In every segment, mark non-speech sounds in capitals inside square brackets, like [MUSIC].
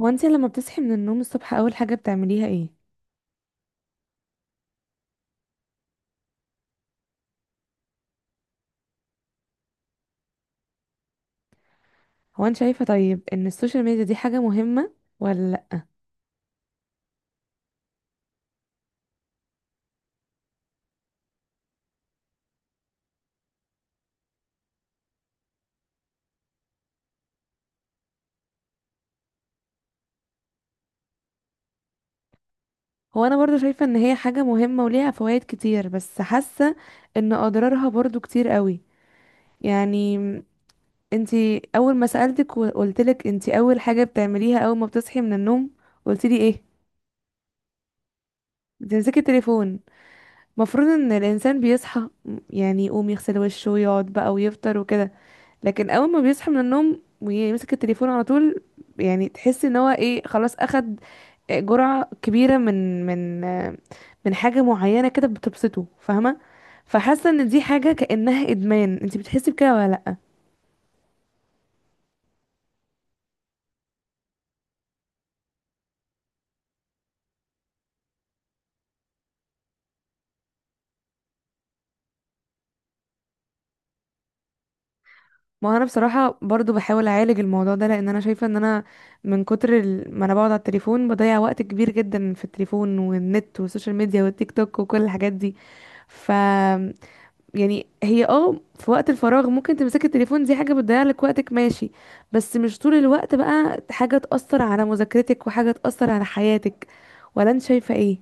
هو انت لما بتصحي من النوم الصبح اول حاجة بتعمليها ايه؟ هو انت شايفة طيب ان السوشيال ميديا دي حاجة مهمة ولا لأ؟ هو انا برضو شايفة ان هي حاجة مهمة وليها فوائد كتير، بس حاسة ان اضرارها برضو كتير قوي. يعني انت اول ما سألتك وقلتلك انت اول حاجة بتعمليها اول ما بتصحي من النوم قلتلي ايه؟ بتمسكي التليفون. مفروض ان الانسان بيصحى، يعني يقوم يغسل وشه ويقعد بقى ويفطر وكده، لكن اول ما بيصحى من النوم ويمسك التليفون على طول، يعني تحس ان هو ايه، خلاص اخد جرعة كبيرة من من حاجة معينة كده بتبسطه، فاهمة؟ فحاسة ان دي حاجة كأنها ادمان. انت بتحسي بكده ولا لا؟ ما انا بصراحة برضو بحاول اعالج الموضوع ده، لان انا شايفة ان انا من كتر ما انا بقعد على التليفون بضيع وقت كبير جدا في التليفون والنت والسوشيال ميديا والتيك توك وكل الحاجات دي. ف يعني هي اه في وقت الفراغ ممكن تمسكي التليفون، دي حاجة بتضيع لك وقتك، ماشي، بس مش طول الوقت بقى، حاجة تأثر على مذاكرتك وحاجة تأثر على حياتك. ولا انت شايفة ايه؟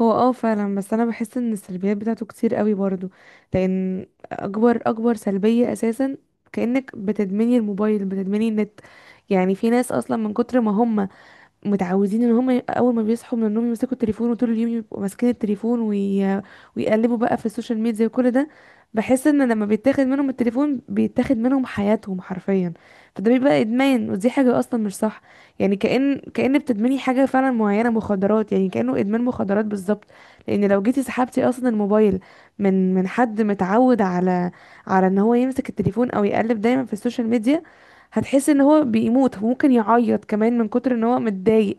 هو اه فعلا، بس انا بحس ان السلبيات بتاعته كتير قوي برضو، لان اكبر سلبية اساسا كأنك بتدمني الموبايل، بتدمني النت. يعني في ناس اصلا من كتر ما هم متعودين ان هم اول ما بيصحوا من النوم يمسكوا التليفون، وطول اليوم يبقوا ماسكين التليفون، ويقلبوا بقى في السوشيال ميديا وكل ده. بحس ان لما بيتاخد منهم التليفون بيتاخد منهم حياتهم حرفيا، فده بيبقى ادمان ودي حاجة اصلا مش صح. يعني كأن بتدمني حاجة فعلا معينة، مخدرات يعني، كأنه ادمان مخدرات بالظبط. لان لو جيتي سحبتي اصلا الموبايل من حد متعود على على ان هو يمسك التليفون او يقلب دايما في السوشيال ميديا، هتحس ان هو بيموت، ممكن يعيط كمان من كتر ان هو متضايق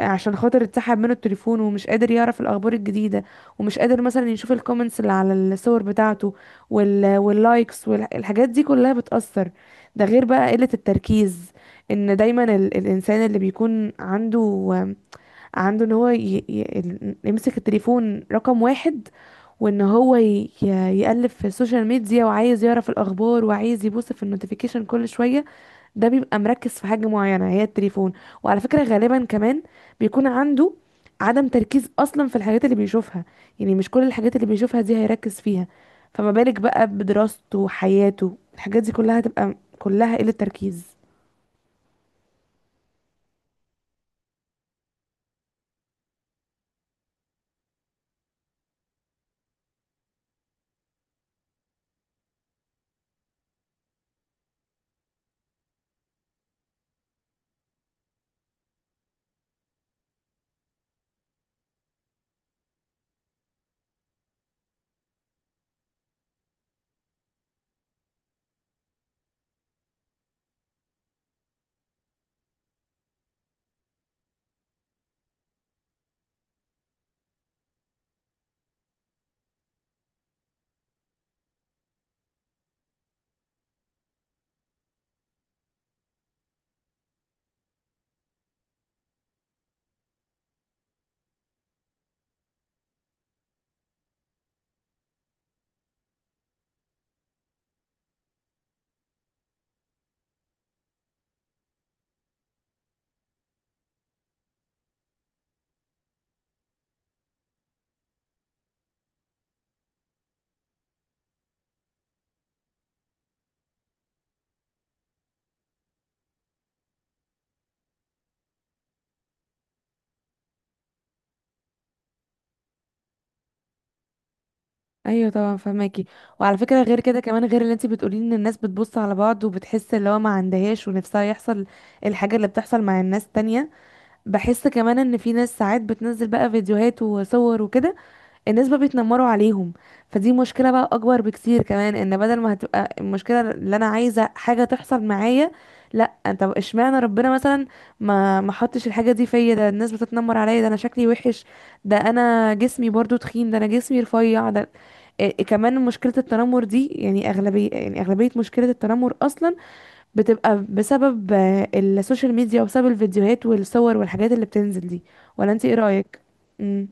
عشان خاطر اتسحب منه التليفون، ومش قادر يعرف الاخبار الجديدة، ومش قادر مثلا يشوف الكومنتس اللي على الصور بتاعته، واللايكس والحاجات دي كلها بتأثر. ده غير بقى قلة التركيز، ان دايما الانسان اللي بيكون عنده عنده ان هو يمسك التليفون رقم 1، وان هو يقلب في السوشيال ميديا وعايز يعرف الاخبار وعايز يبص في النوتيفيكيشن كل شوية، ده بيبقى مركز في حاجة معينة هي التليفون. وعلى فكرة غالبا كمان بيكون عنده عدم تركيز أصلا في الحاجات اللي بيشوفها، يعني مش كل الحاجات اللي بيشوفها دي هيركز فيها. فما بالك بقى بدراسته وحياته، الحاجات دي كلها هتبقى كلها قلة تركيز. ايوه طبعا فهماكي. وعلى فكره غير كده كمان، غير اللي انت بتقولي ان الناس بتبص على بعض وبتحس اللي هو ما عندهاش ونفسها يحصل الحاجه اللي بتحصل مع الناس تانية، بحس كمان ان في ناس ساعات بتنزل بقى فيديوهات وصور وكده الناس بقى بيتنمروا عليهم. فدي مشكلة بقى أكبر بكتير كمان، إن بدل ما هتبقى المشكلة اللي أنا عايزة حاجة تحصل معايا، لأ، طب اشمعنى ربنا مثلا ما حطش الحاجة دي فيا، ده الناس بتتنمر عليا، ده أنا شكلي وحش، ده أنا جسمي برضو تخين، ده أنا جسمي رفيع، ده إيه كمان. مشكلة التنمر دي يعني أغلبية، يعني أغلبية مشكلة التنمر أصلا بتبقى بسبب السوشيال ميديا، وبسبب الفيديوهات والصور والحاجات اللي بتنزل دي. ولا أنت إيه رأيك؟ امم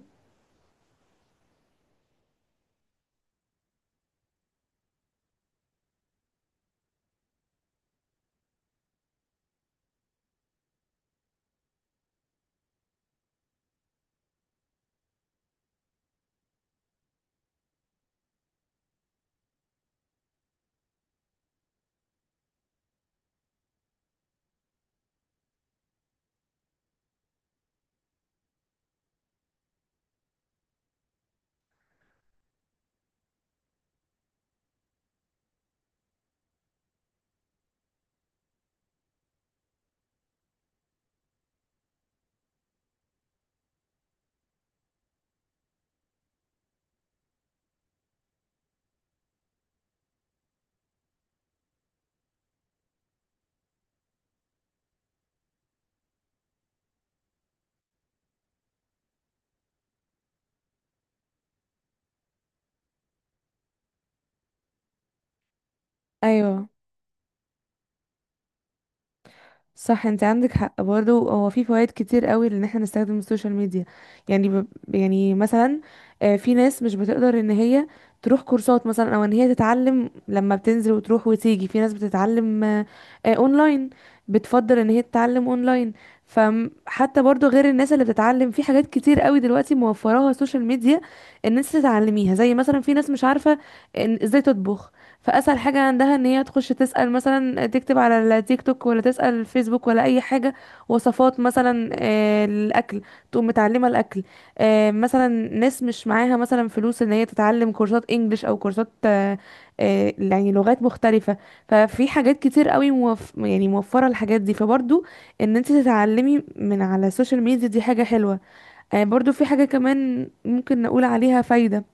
أيوه صح، انت عندك حق برضه، هو في فوائد كتير قوي لان احنا نستخدم السوشيال ميديا. يعني مثلا في ناس مش بتقدر ان هي تروح كورسات مثلا، او ان هي تتعلم لما بتنزل وتروح وتيجي. في ناس بتتعلم اونلاين، بتفضل ان هي تتعلم اونلاين. فحتى برضه غير الناس اللي بتتعلم، في حاجات كتير قوي دلوقتي موفراها السوشيال ميديا ان انت تتعلميها، زي مثلا في ناس مش عارفة ان ازاي تطبخ، فاسهل حاجه عندها ان هي تخش تسال مثلا، تكتب على التيك توك ولا تسال الفيسبوك ولا اي حاجه وصفات مثلا الاكل، تقوم متعلمه الاكل. مثلا ناس مش معاها مثلا فلوس ان هي تتعلم كورسات انجليش، او كورسات يعني لغات مختلفه. ففي حاجات كتير قوي يعني موفره الحاجات دي، فبرضو ان انت تتعلمي من على السوشيال ميديا دي حاجه حلوه. برضو في حاجه كمان ممكن نقول عليها فايده،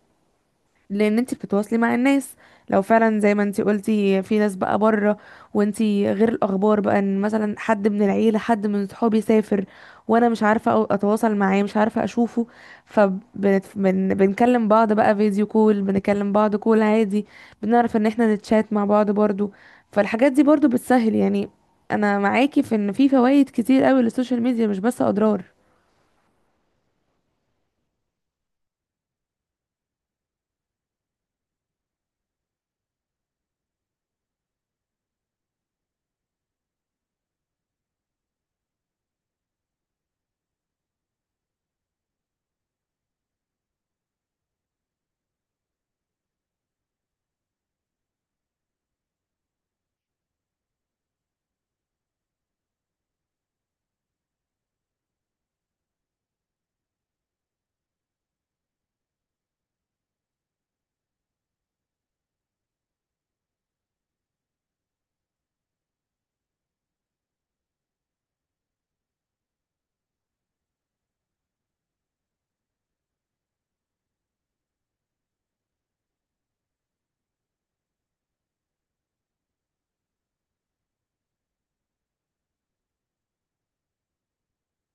لان انت بتتواصلي مع الناس. لو فعلا زي ما انت قلتي في ناس بقى بره، وانت غير الاخبار بقى، ان مثلا حد من العيله، حد من صحابي سافر وانا مش عارفه اتواصل معاه، مش عارفه اشوفه، فبنكلم بعض بقى فيديو كول، بنكلم بعض كول عادي، بنعرف ان احنا نتشات مع بعض برضو. فالحاجات دي برضو بتسهل يعني. انا معاكي في ان في فوائد كتير قوي للسوشيال ميديا، مش بس اضرار.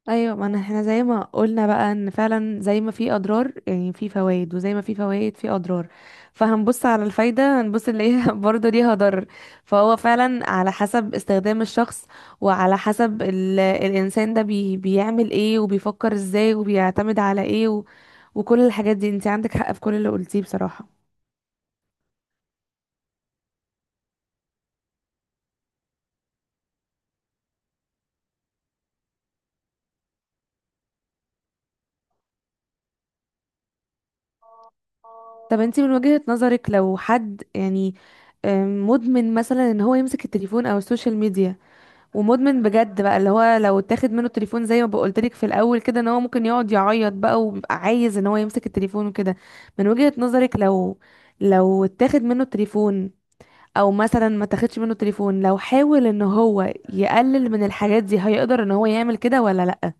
ايوه، ما أنا- احنا زي ما قلنا بقى ان فعلا زي ما في اضرار يعني في فوائد، وزي ما في فوائد في اضرار، فهنبص على الفايده هنبص نلاقيها [LAUGHS] برضه ليها ضرر. فهو فعلا على حسب استخدام الشخص، وعلى حسب الانسان ده بيعمل ايه وبيفكر ازاي وبيعتمد على ايه وكل الحاجات دي. انت عندك حق في كل اللي قلتيه بصراحه. طب انت من وجهه نظرك لو حد يعني مدمن مثلا ان هو يمسك التليفون او السوشيال ميديا، ومدمن بجد بقى، اللي هو لو اتاخد منه التليفون زي ما بقولت لك في الاول كده، ان هو ممكن يقعد يعيط بقى وبيبقى عايز ان هو يمسك التليفون وكده. من وجهة نظرك لو اتاخد منه التليفون، او مثلا ما تاخدش منه التليفون، لو حاول ان هو يقلل من الحاجات دي، هيقدر ان هو يعمل كده ولا لا؟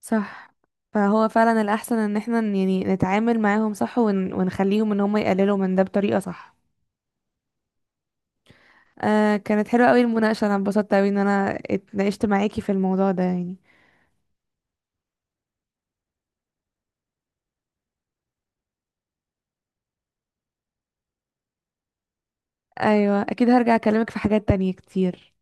صح. فهو فعلا الاحسن ان احنا يعني نتعامل معاهم صح ونخليهم ان هم يقللوا من ده بطريقة صح. آه، كانت حلوة قوي المناقشة، انا اتبسطت قوي ان انا اتناقشت معاكي في الموضوع ده يعني. ايوه اكيد، هرجع اكلمك في حاجات تانية كتير.